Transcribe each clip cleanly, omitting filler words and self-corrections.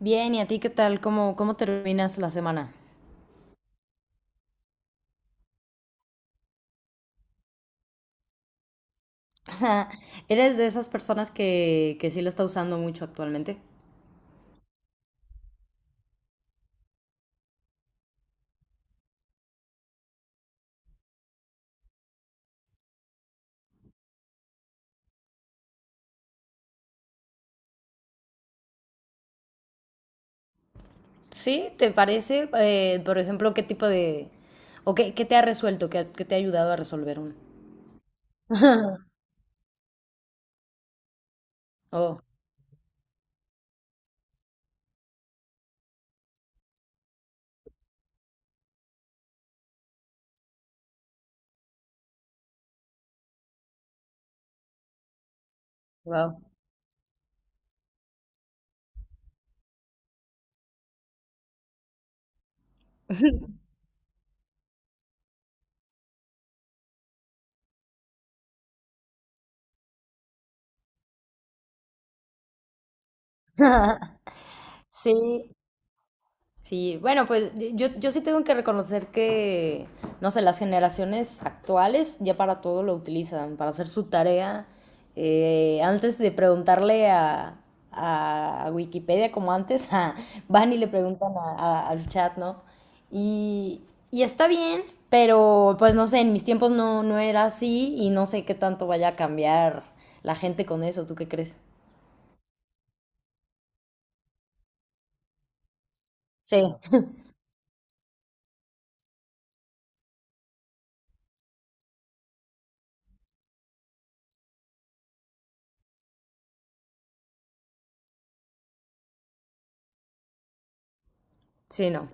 Bien, ¿y a ti qué tal? ¿Cómo terminas la semana? ¿Eres de esas personas que sí lo está usando mucho actualmente? ¿Sí? ¿Te parece? Por ejemplo, ¿qué tipo de... o qué te ha resuelto? ¿Qué te ha ayudado a resolver uno? Oh, wow. Sí. Sí, bueno, pues yo sí tengo que reconocer que, no sé, las generaciones actuales ya para todo lo utilizan, para hacer su tarea. Antes de preguntarle a Wikipedia como antes, ah, van y le preguntan al chat, ¿no? Y, y está bien, pero pues no sé, en mis tiempos no era así y no sé qué tanto vaya a cambiar la gente con eso, ¿tú qué crees? Sí, sí, no.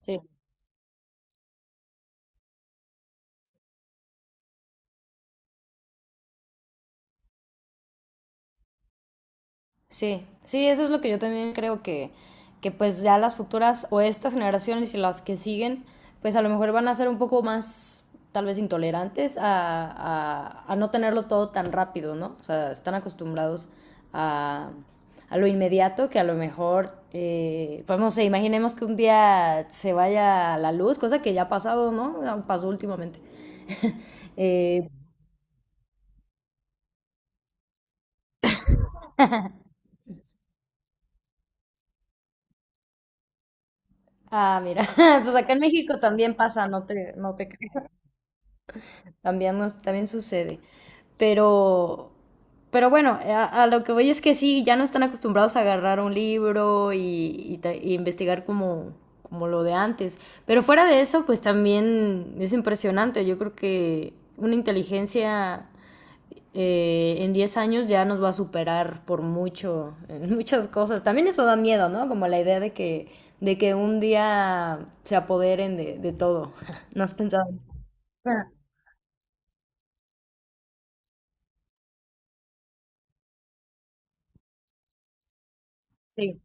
Sí. Sí, sí, eso es lo que yo también creo que pues ya las futuras o estas generaciones y las que siguen, pues a lo mejor van a ser un poco más tal vez intolerantes a no tenerlo todo tan rápido, ¿no? O sea, están acostumbrados a, a lo inmediato que a lo mejor, pues no sé, imaginemos que un día se vaya la luz, cosa que ya ha pasado, ¿no? Pasó últimamente. Eh, Mira, pues acá en México también pasa, no te creas. También, también sucede. Pero, pero bueno, a lo que voy es que sí, ya no están acostumbrados a agarrar un libro y investigar como, como lo de antes. Pero fuera de eso, pues también es impresionante. Yo creo que una inteligencia en 10 años ya nos va a superar por mucho, en muchas cosas. También eso da miedo, ¿no? Como la idea de de que un día se apoderen de todo. ¿No has pensado en eso? Ah, sí.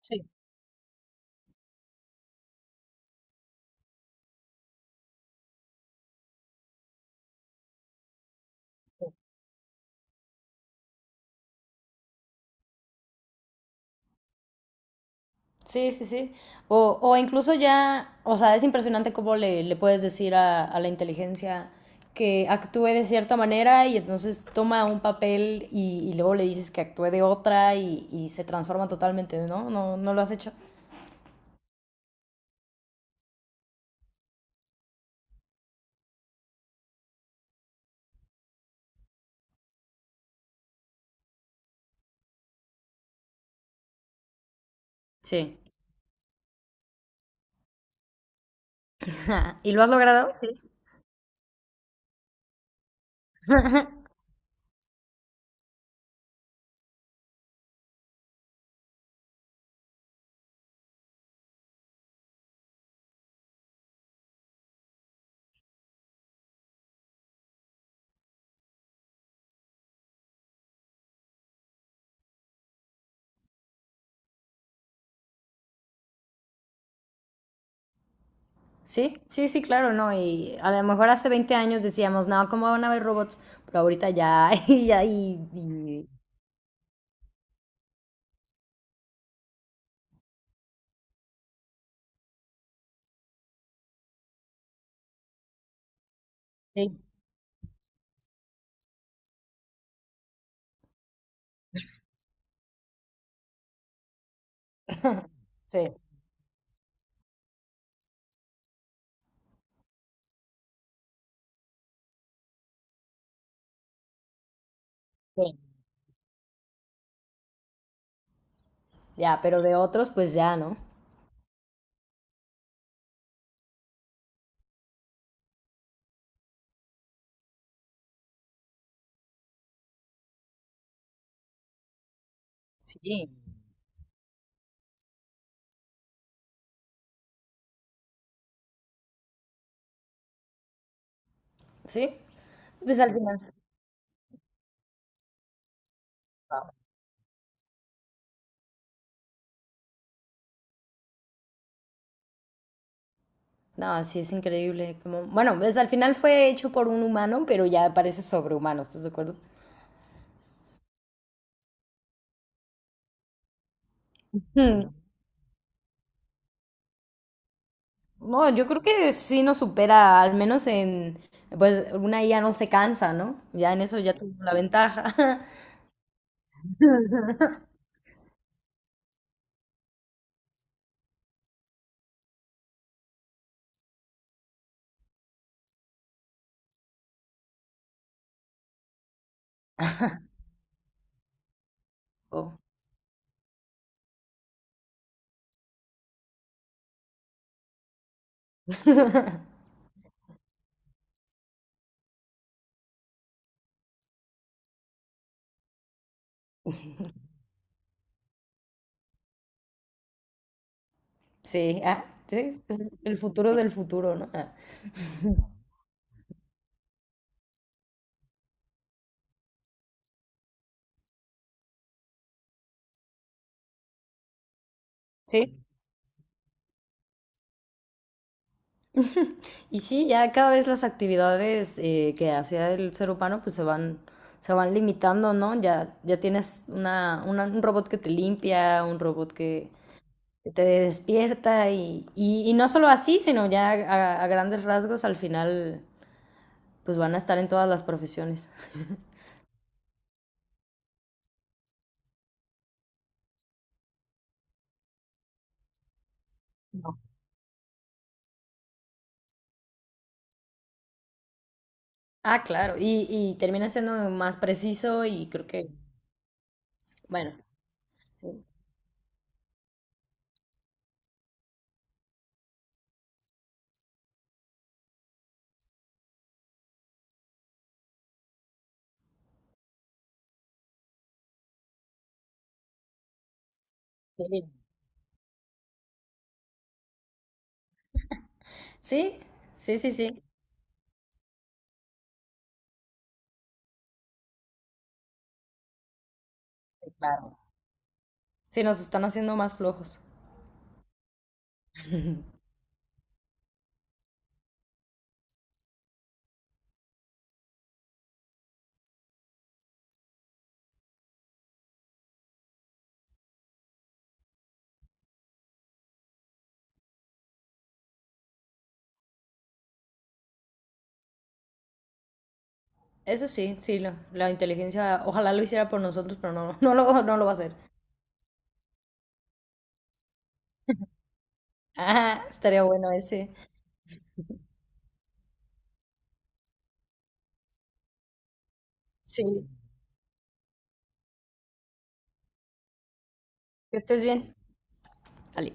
Sí. Sí, sí, sí. O incluso ya, o sea, es impresionante cómo le puedes decir a la inteligencia que actúe de cierta manera y entonces toma un papel y luego le dices que actúe de otra y se transforma totalmente, ¿no? ¿No lo has hecho? Sí. ¿Y lo has logrado? Sí. Sí, sí, sí, claro, ¿no? Y a lo mejor hace 20 años decíamos, no, ¿cómo van a haber robots? Pero ahorita ya, y ya, sí, sí, sí, ya, pero de otros, pues ya, ¿no? Sí. ¿Sí? Pues al final. No, sí, es increíble. Como, bueno, pues al final fue hecho por un humano, pero ya parece sobrehumano, ¿estás de acuerdo? Hmm. No, yo creo que sí nos supera, al menos en, pues una IA no se cansa, ¿no? Ya en eso ya tuvo la ventaja. Oh, sí, ah, sí, es el futuro del futuro, ¿no? Ah, sí. Y sí, ya cada vez las actividades que hacía el ser humano pues se van limitando, ¿no? Ya, ya tienes un robot que te limpia, un robot que te despierta y, y no solo así, sino ya a grandes rasgos al final pues van a estar en todas las profesiones. No. Ah, claro, y termina siendo más preciso y creo que, bueno, sí, sí, sí, sí, sí. Claro. Sí, nos están haciendo más flojos. Eso sí, sí, la inteligencia, ojalá lo hiciera por nosotros, pero no, no lo va a hacer. Ah, estaría bueno ese. Sí, que estés bien. Ali.